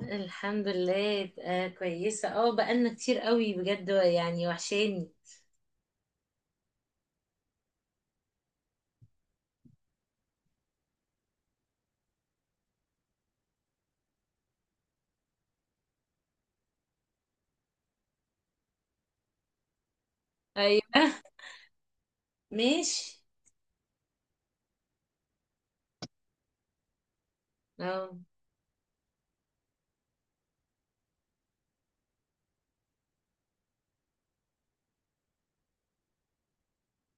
الحمد لله، آه كويسة. اه بقالنا كتير قوي بجد، يعني وحشاني. ايوه. ماشي. اه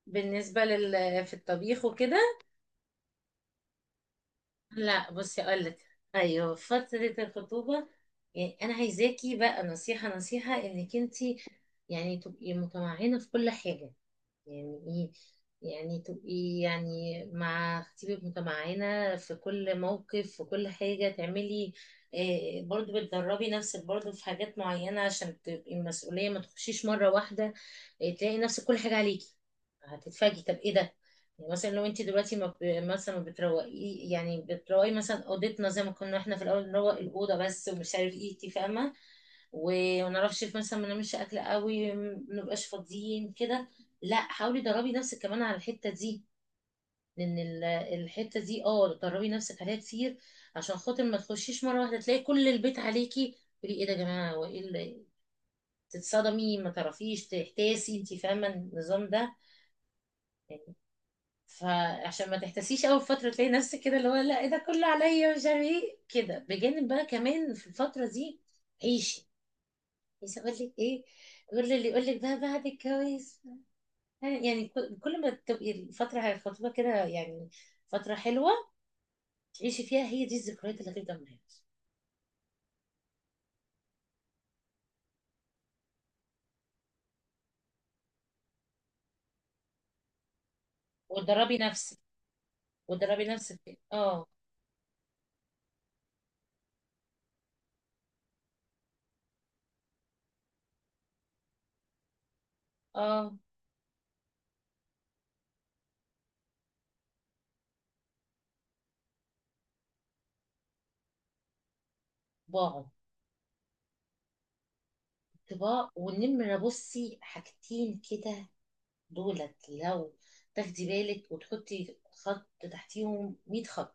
بالنسبة لل في الطبيخ وكده. لا بصي اقولك، ايوه فترة الخطوبة. يعني انا عايزاكي بقى نصيحة انك انتي يعني تبقي متمعنة في كل حاجة. يعني ايه؟ يعني تبقي يعني مع خطيبك متمعنة في كل موقف، في كل حاجة تعملي. إيه برضو بتدربي نفسك برضو في حاجات معينة، عشان تبقي المسؤولية ما تخشيش مرة واحدة. إيه تلاقي نفسك كل حاجة عليكي، هتتفاجئي طب ايه ده. يعني مثلا لو انت دلوقتي ما ب... مثلا ما بتروقي، يعني بتروقي مثلا اوضتنا زي ما كنا احنا في الاول، نروق الاوضه بس ومش عارف ايه، انت فاهمه. وما نعرفش مثلا ما نعملش اكل قوي، ما نبقاش فاضيين كده. لا حاولي دربي نفسك كمان على الحته دي. لان ال- الحته دي اه دربي نفسك عليها كتير، عشان خاطر ما تخشيش مره واحده تلاقي كل البيت عليكي تقولي ايه ده يا جماعه، تتصدمي ما تعرفيش تحتاسي، انت فاهمه النظام ده. يعني فعشان ما تحتسيش اول فتره تلاقي نفسك كده، اللي هو لا إيه ده كله عليا مش عارف ايه كده. بجانب بقى كمان في الفتره دي عيشي. بس اقول لك ايه، قول لي اللي يقول لك بقى بعد الجواز. يعني كل ما تبقي الفتره الخطوبه كده، يعني فتره حلوه تعيشي فيها، هي دي الذكريات اللي هتفضل معاكي. وتدربي نفسك وتدربي نفسك اه. اه. طباعه. طباع والنمره، بصي حاجتين كده دولت، لو تاخدي بالك وتحطي خط تحتيهم 100 خط: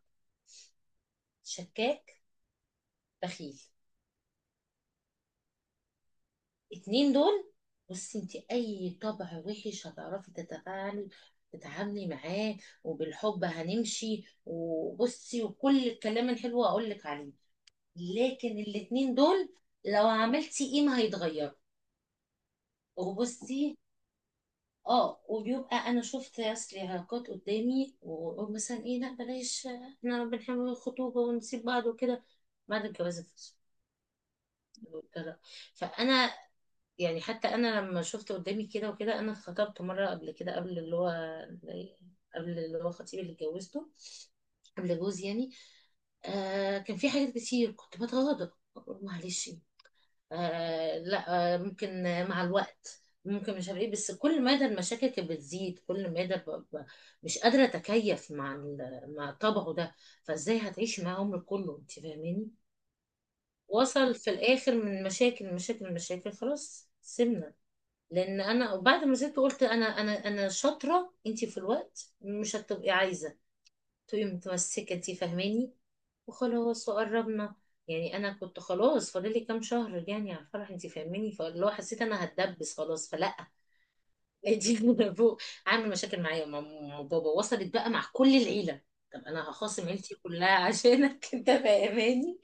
شكاك، بخيل. اتنين دول، بصي انت اي طبع وحش هتعرفي تتعاملي معاه، وبالحب هنمشي، وبصي وكل الكلام الحلو هقول لك عليه. لكن الاتنين دول لو عملتي ايه ما هيتغير. وبصي اه، وبيبقى انا شفت اصل علاقات قدامي وأقول مثلا ايه لا بلاش، احنا بنحب الخطوبه ونسيب بعض وكده، بعد الجواز الفصل والطلاق. فانا يعني حتى انا لما شفت قدامي كده وكده، انا اتخطبت مره قبل كده قبل اللي هو خطيبي اللي اتجوزته، قبل جوزي يعني. آه كان في حاجات كتير كنت بتغاضى، أقول معلش، آه لا آه ممكن، مع الوقت ممكن مش عارف ايه. بس كل مدى المشاكل كانت بتزيد، كل مدى مش قادره اتكيف مع مع طبعه ده. فازاي هتعيشي معاه عمرك كله، انت فاهماني. وصل في الاخر من مشاكل خلاص سيبنا. لان انا بعد ما زدت قلت انا شاطره، انت في الوقت مش هتبقي عايزه تبقي متمسكه، انت فاهماني. وخلاص وقربنا، يعني انا كنت خلاص فاضل لي كام شهر يعني على الفرح، انت فاهماني. فاللي هو حسيت انا هتدبس خلاص فلا. دي فوق عامل مشاكل معايا وماما وبابا، وصلت بقى مع كل العيله. طب انا هخاصم عيلتي كلها عشانك؟ انت فاهماني.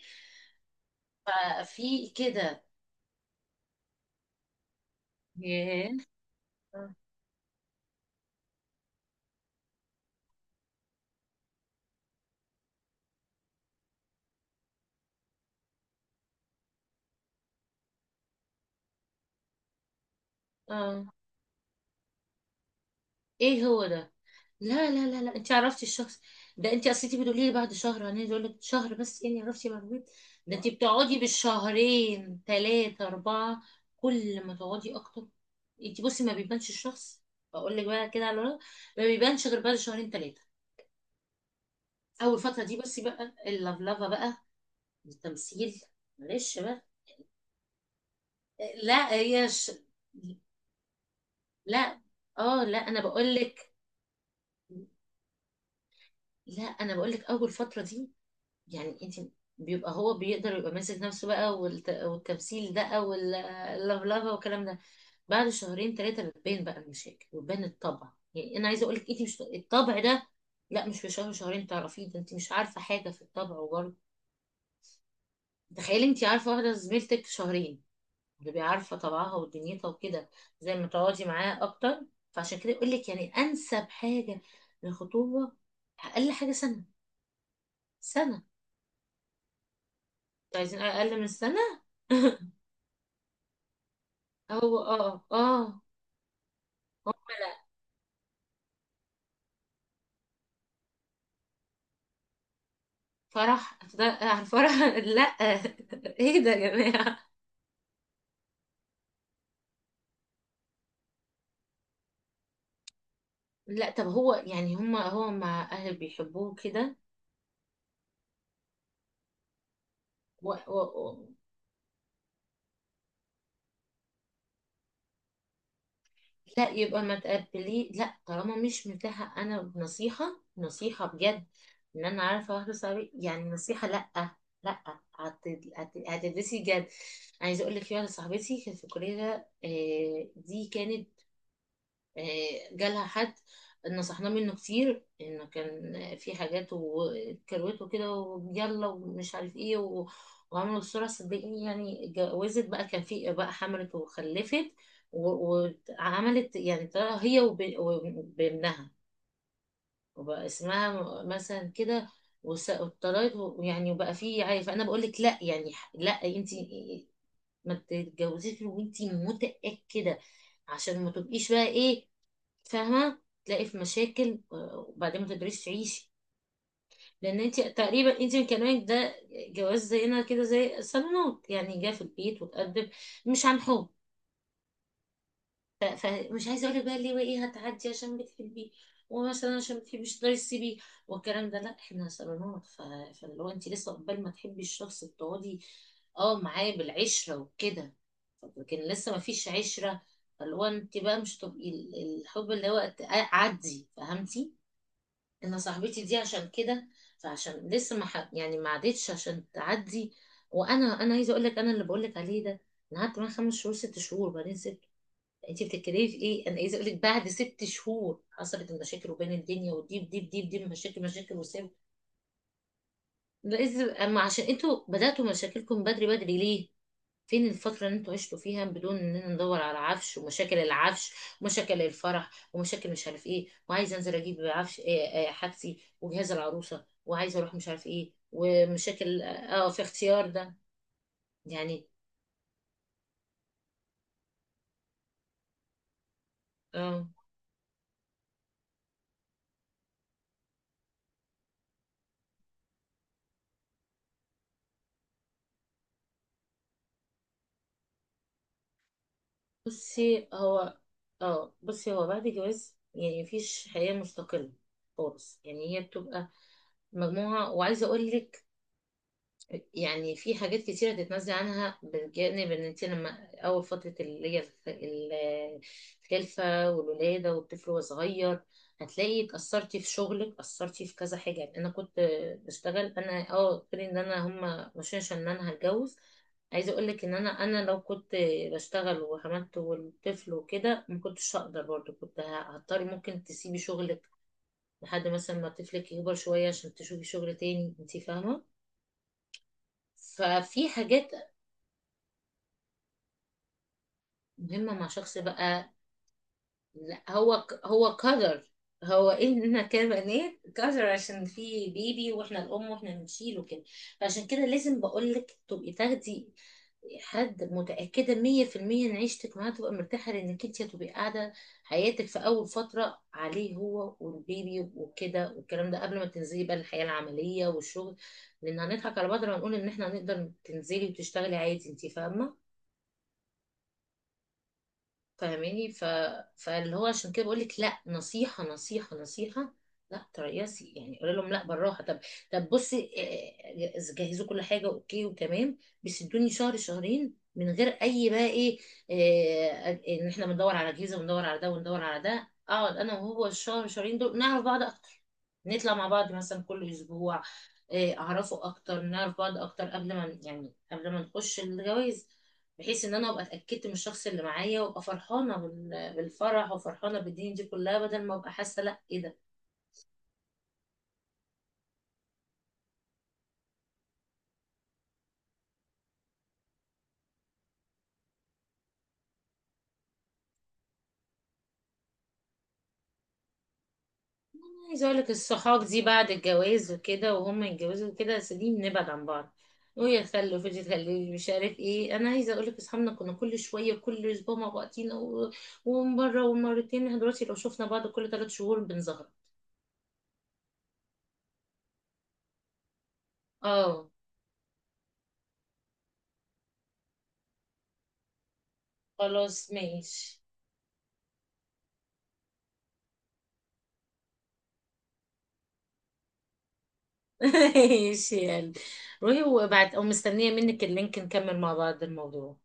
ففي كده. ياه. اه. آه. ايه هو ده، لا انت عرفتي الشخص ده. انت اصل انت بتقولي لي بعد شهر، انا اقول لك شهر بس يعني عرفتي معلومات؟ ده انت بتقعدي بالشهرين ثلاثة أربعة، كل ما تقعدي أكتر. انت بصي ما بيبانش الشخص، بقول لك بقى كده على الورق ما بيبانش غير بعد شهرين ثلاثة. أول فترة دي بس بقى اللفلفة بقى، التمثيل، معلش بقى. لا هي ش... لا. اه لا أنا بقول لك أول فترة دي يعني انت بيبقى هو بيقدر يبقى ماسك نفسه بقى، والتمثيل ده واللفلفه والكلام ده. بعد شهرين ثلاثه بتبان بقى المشاكل وتبان الطبع. يعني انا عايزه اقول لك انت مش الطبع ده، لا مش في شهر شهرين تعرفيه ده، انت مش عارفه حاجه في الطبع. وبرضه تخيلي انت عارفه واحده زميلتك شهرين، بتبقي عارفه طبعها ودنيتها وكده، زي ما تقعدي معاها اكتر. فعشان كده يقول لك يعني انسب حاجه للخطوبه اقل حاجه سنه. سنه. انتوا عايزين اقل من سنه؟ هو اه اه، هم لا. فرح يعني فرح. لا ايه ده يا جماعة. لا طب هو يعني هم هو مع اهل بيحبوه كده. و... و... و... لا يبقى ما تقبليه، لا طالما مش متاحة، انا بنصيحة نصيحة بجد ان انا عارفة اخلص عليه، يعني نصيحة لا. لا. هت- هتدرسي جد. عايزة اقول لك في واحدة صاحبتي كانت في الكلية، آه، دي كانت آه، جالها حد نصحناه منه كتير، انه كان في حاجات وكروت وكده، ويلا ومش عارف ايه وعملوا الصورة. صدقيني يعني اتجوزت بقى، كان في بقى، حملت وخلفت، و- وعملت يعني طلع هي وبابنها، وبقى اسمها مثلا كده، وطلعت يعني وبقى في، عارف انا بقول لك لا يعني لا انت ما تتجوزيش وانت متأكدة عشان ما تبقيش بقى ايه، فاهمه تلاقي في مشاكل آه، وبعدين ما تقدريش تعيشي. لان انت تقريبا انت من كلامك ده، جواز زينا كده زي صالونات، يعني جه في البيت وتقدم، مش عن حب. فمش عايزه اقول لك بقى ليه وايه هتعدي عشان بتحبيه، ومثلا عشان بتحبيش تقدري تسيبيه والكلام ده، لا احنا صالونات. فاللي هو انت لسه قبل ما تحبي الشخص بتقعدي اه معاه بالعشره وكده، لكن لسه ما فيش عشره. فاللي هو انت بقى مش تبقي الحب اللي هو عدي، فهمتي؟ انا صاحبتي دي عشان كده، فعشان لسه ما ح... يعني ما عدتش عشان تعدي. وانا عايزه اقول لك انا اللي بقول لك عليه ده، انا قعدت معاه 5 شهور 6 شهور بعدين سبت. انت بتتكلمي في ايه؟ انا عايزه اقول لك بعد 6 شهور حصلت المشاكل، وبين الدنيا ودي بدي مشاكل وسبت. لازم اما عشان انتوا بداتوا مشاكلكم بدري ليه؟ فين الفترة اللي انتوا عشتوا فيها بدون اننا ندور على عفش، ومشاكل العفش ومشاكل الفرح ومشاكل مش عارف ايه، وعايز انزل اجيب عفش إيه إيه حاجتي وجهاز العروسة، وعايز اروح مش عارف ايه، ومشاكل اه آه، في اختيار ده. يعني اه بصي هو اه بصي هو بعد الجواز يعني مفيش حياة مستقلة خالص. يعني هي بتبقى مجموعة. وعايزة اقول لك يعني في حاجات كتيرة تتنازلي عنها. بالجانب ان انت لما اول فترة اللي هي الخلفة والولادة والطفل وهو صغير، هتلاقي اتأثرتي في شغلك اتأثرتي في كذا حاجة. يعني انا كنت بشتغل انا اه قلت لي ان انا هما ماشيين عشان انا هتجوز. عايزة اقول لك ان انا لو كنت بشتغل وحملت والطفل وكده، ما كنتش هقدر برضه، كنت هضطري ممكن تسيبي شغلك لحد مثلا ما طفلك يكبر شوية عشان تشوفي شغل تاني، انت فاهمة. ففي حاجات مهمة مع شخص بقى. لا هو هو قدر، هو إحنا كبنات قدر، عشان في بيبي وإحنا الأم وإحنا بنشيله كده. فعشان كده لازم بقولك تبقي تاخدي حد متأكدة 100% إن عيشتك معاه تبقى مرتاحة، لأنك أنت هتبقي قاعدة حياتك في أول فترة عليه هو والبيبي وكده والكلام ده، قبل ما تنزلي بقى الحياة العملية والشغل. لأن هنضحك على بعض لما نقول إن إحنا هنقدر تنزلي وتشتغلي عادي، أنت فاهمة. فاهماني. فاللي هو عشان كده بقول لك لا، نصيحه نصيحه لا تريسي، يعني قولي لهم لا بالراحه. طب طب بصي، آه، آه، جهزوا كل حاجه اوكي وتمام، بس ادوني شهر شهرين من غير اي بقى ايه، آه، آه، ان احنا بندور على اجهزه وندور على ده وندور على ده. اقعد انا وهو الشهر شهرين دول نعرف بعض اكتر، نطلع مع بعض مثلا كل اسبوع، آه، اعرفه اكتر، نعرف بعض اكتر قبل ما يعني قبل ما نخش الجواز. بحيث ان انا ابقى اتاكدت من الشخص اللي معايا، وابقى فرحانه بالفرح وفرحانه بالدنيا دي كلها، بدل ما ابقى حاسه لا ايه ده. عايزه اقول لك الصحاب دي بعد الجواز وكده وهم يتجوزوا وكده سديم نبعد عن بعض، ويخلوا فيديو يخلوا مش عارف ايه. انا عايزه اقول لك اصحابنا كنا كل شويه كل اسبوع مع بعضينا ومره ومرتين، احنا دلوقتي لو شفنا بعض كل 3 شهور بنظهر. اه خلاص ماشي. ماشي يعني. روحي وابعت او مستنيه منك اللينك نكمل مع بعض الموضوع.